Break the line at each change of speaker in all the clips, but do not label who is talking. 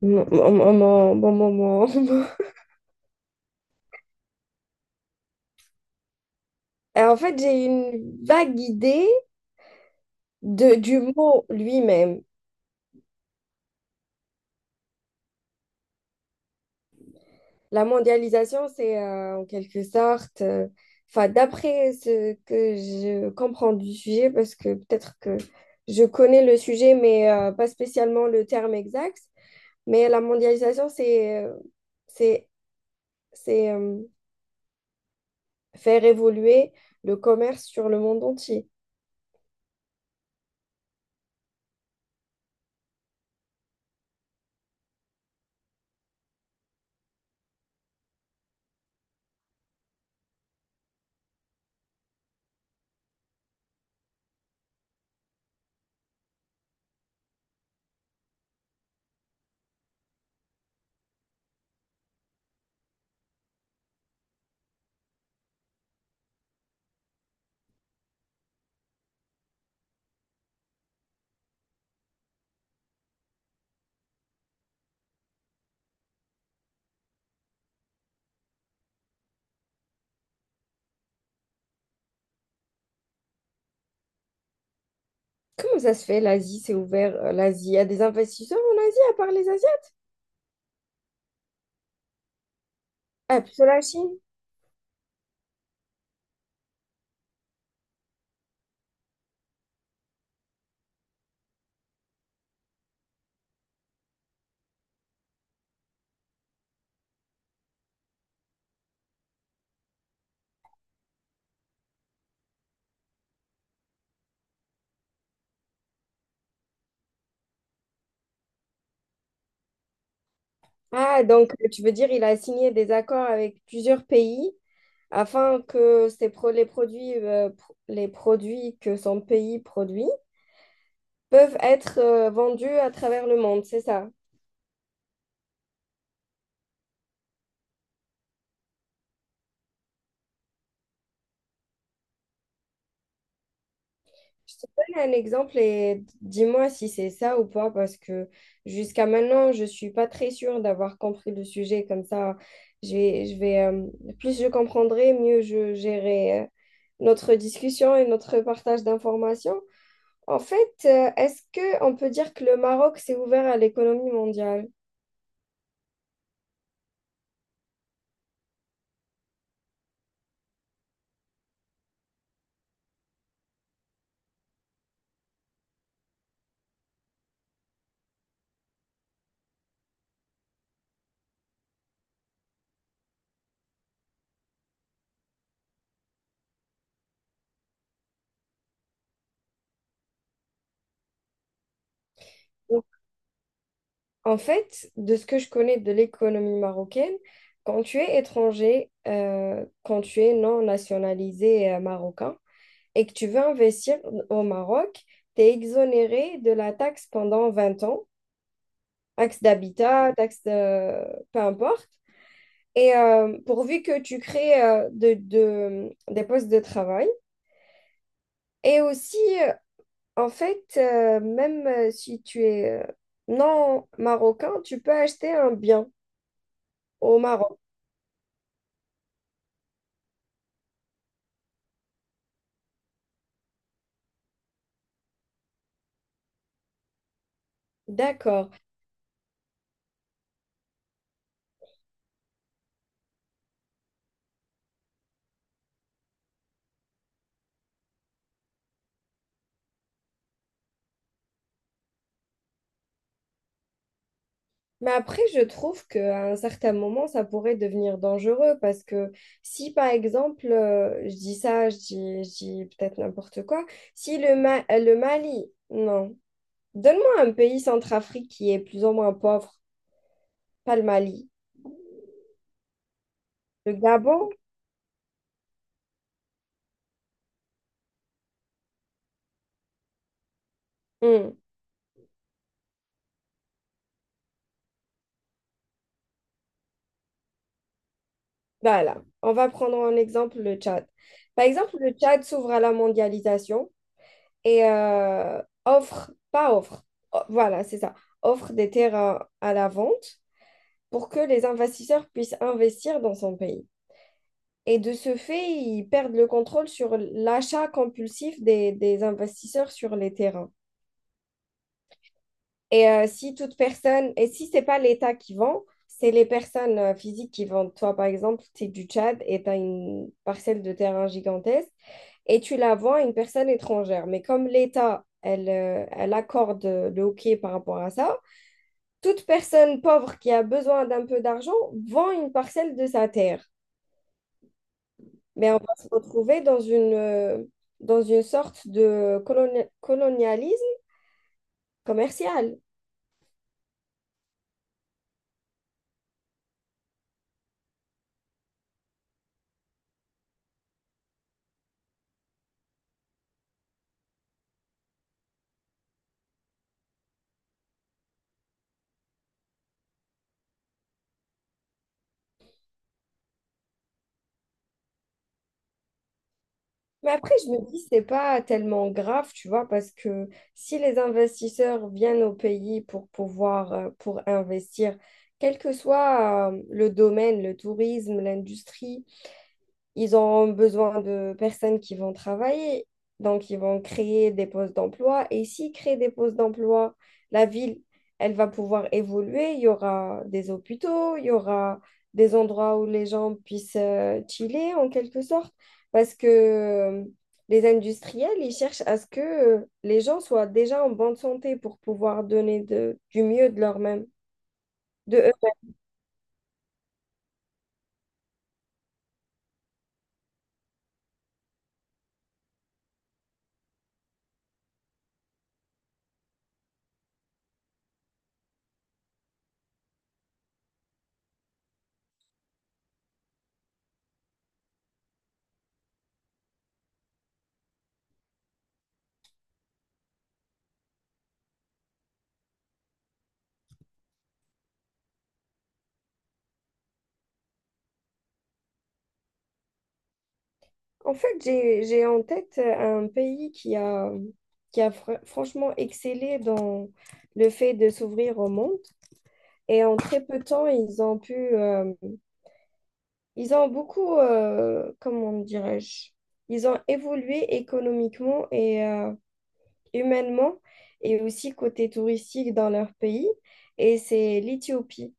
Maman, maman, bon moment. J'ai une vague idée du mot lui-même. La mondialisation, c'est en quelque sorte, enfin, d'après ce que je comprends du sujet, parce que peut-être que je connais le sujet, mais pas spécialement le terme exact. Mais la mondialisation, c'est, c'est faire évoluer le commerce sur le monde entier. Comment ça se fait, l'Asie s'est ouvert, l'Asie? Il y a des investisseurs en Asie à part les Asiens? Ah, plutôt la Chine. Ah, donc tu veux dire il a signé des accords avec plusieurs pays afin que ces les produits, les produits que son pays produit peuvent être vendus à travers le monde, c'est ça? Je te donne un exemple et dis-moi si c'est ça ou pas, parce que jusqu'à maintenant, je suis pas très sûre d'avoir compris le sujet. Comme ça, je vais, plus je comprendrai, mieux je gérerai notre discussion et notre partage d'informations. En fait, est-ce que on peut dire que le Maroc s'est ouvert à l'économie mondiale? Ou- En fait, de ce que je connais de l'économie marocaine, quand tu es étranger, quand tu es non nationalisé marocain, et que tu veux investir au Maroc, tu es exonéré de la taxe pendant 20 ans, taxe d'habitat, taxe de... peu importe. Et pourvu que tu crées des postes de travail. Et aussi, euh, en fait, même si tu es non marocain, tu peux acheter un bien au Maroc. D'accord. Mais après, je trouve qu'à un certain moment, ça pourrait devenir dangereux parce que si, par exemple, je dis ça, je dis peut-être n'importe quoi, si le Mali, non, donne-moi un pays centrafrique qui est plus ou moins pauvre, pas le Mali, le Gabon, hmm, voilà, on va prendre en exemple le Tchad. Par exemple, le Tchad s'ouvre à la mondialisation et pas offre, oh, voilà, c'est ça, offre des terrains à la vente, pour que les investisseurs puissent investir dans son pays. Et de ce fait, ils perdent le contrôle sur l'achat compulsif des investisseurs sur les terrains. Et si toute personne, et si c'est pas l'État qui vend, c'est les personnes physiques qui vendent. Toi, par exemple, tu es du Tchad et tu as une parcelle de terrain gigantesque et tu la vends à une personne étrangère. Mais comme l'État, elle, elle accorde le ok par rapport à ça, toute personne pauvre qui a besoin d'un peu d'argent vend une parcelle de sa terre. Mais on va se retrouver dans dans une sorte de colonialisme commercial. Mais après, je me dis, c'est pas tellement grave, tu vois, parce que si les investisseurs viennent au pays pour pouvoir, pour investir, quel que soit, le domaine, le tourisme, l'industrie, ils ont besoin de personnes qui vont travailler, donc ils vont créer des postes d'emploi. Et s'ils créent des postes d'emploi, la ville, elle va pouvoir évoluer. Il y aura des hôpitaux, il y aura des endroits où les gens puissent chiller en quelque sorte, parce que les industriels, ils cherchent à ce que les gens soient déjà en bonne santé pour pouvoir donner du mieux de leur-même, de eux. En fait, j'ai en tête un pays qui a franchement excellé dans le fait de s'ouvrir au monde. Et en très peu de temps, ils ont pu, ils ont beaucoup, comment dirais-je, ils ont évolué économiquement et humainement et aussi côté touristique dans leur pays. Et c'est l'Éthiopie.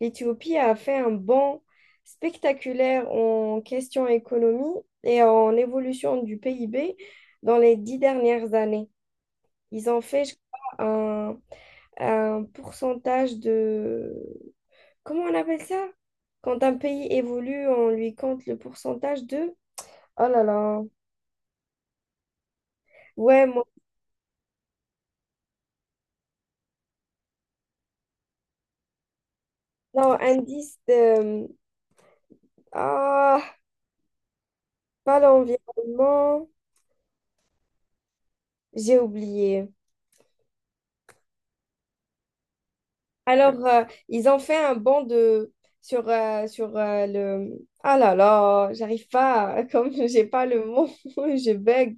L'Éthiopie a fait un bond spectaculaire en question économie et en évolution du PIB dans les 10 dernières années. Ils ont fait, je crois, un pourcentage de... Comment on appelle ça? Quand un pays évolue, on lui compte le pourcentage de... Oh là là. Ouais, moi, non, indice de... Ah, pas l'environnement. J'ai oublié. Alors, ils ont fait un banc de sur le ah là là, j'arrive pas à- comme j'ai pas le mot, je bug.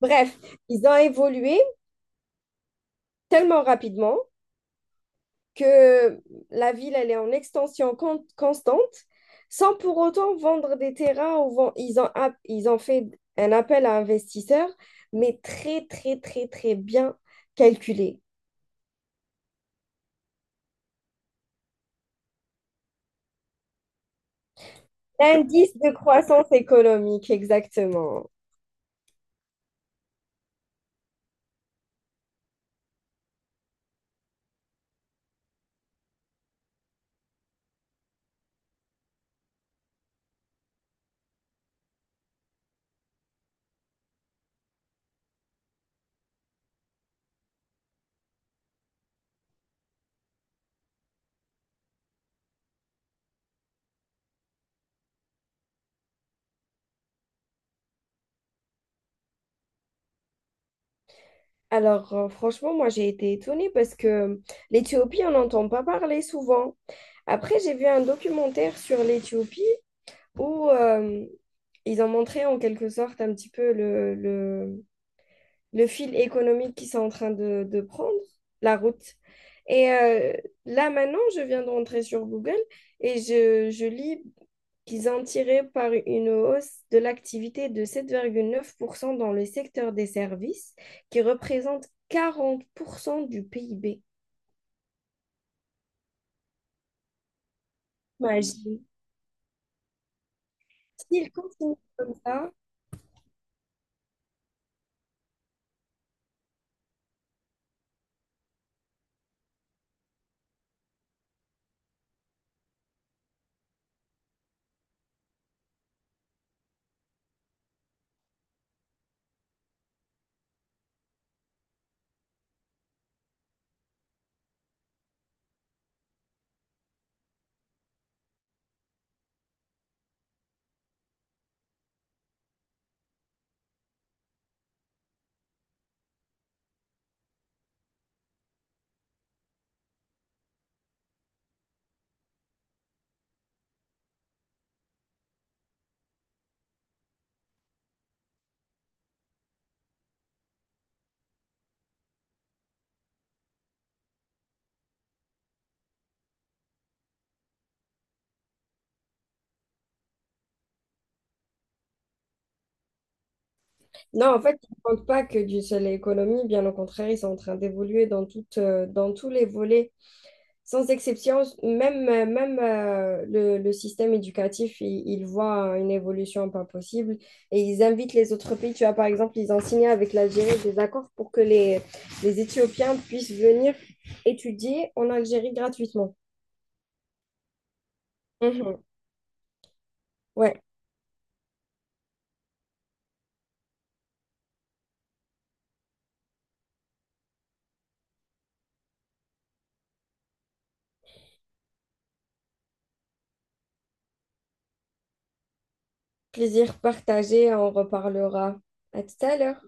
Bref, ils ont évolué tellement rapidement que la ville elle est en extension constante sans pour autant vendre des terrains ou ils ont ils ont fait un appel à investisseurs mais très très très très bien calculé. L'indice de croissance économique, exactement. Alors, franchement, moi, j'ai été étonnée parce que l'Éthiopie, on n'entend pas parler souvent. Après, j'ai vu un documentaire sur l'Éthiopie où ils ont montré en quelque sorte un petit peu le fil économique qu'ils sont en train de prendre, la route. Et là, maintenant, je viens de rentrer sur Google et je lis qu'ils ont tiré par une hausse de l'activité de 7,9% dans le secteur des services, qui représente 40% du PIB. Imagine. S'ils continuent comme ça, non, en fait, ils ne comptent pas que d'une seule économie, bien au contraire, ils sont en train d'évoluer dans tous les volets. Sans exception, même, le système éducatif, il voit une évolution pas possible et ils invitent les autres pays. Tu vois, par exemple, ils ont signé avec l'Algérie des accords pour que les Éthiopiens puissent venir étudier en Algérie gratuitement. Mhm. Ouais, plaisir partagé, on reparlera. À tout à l'heure.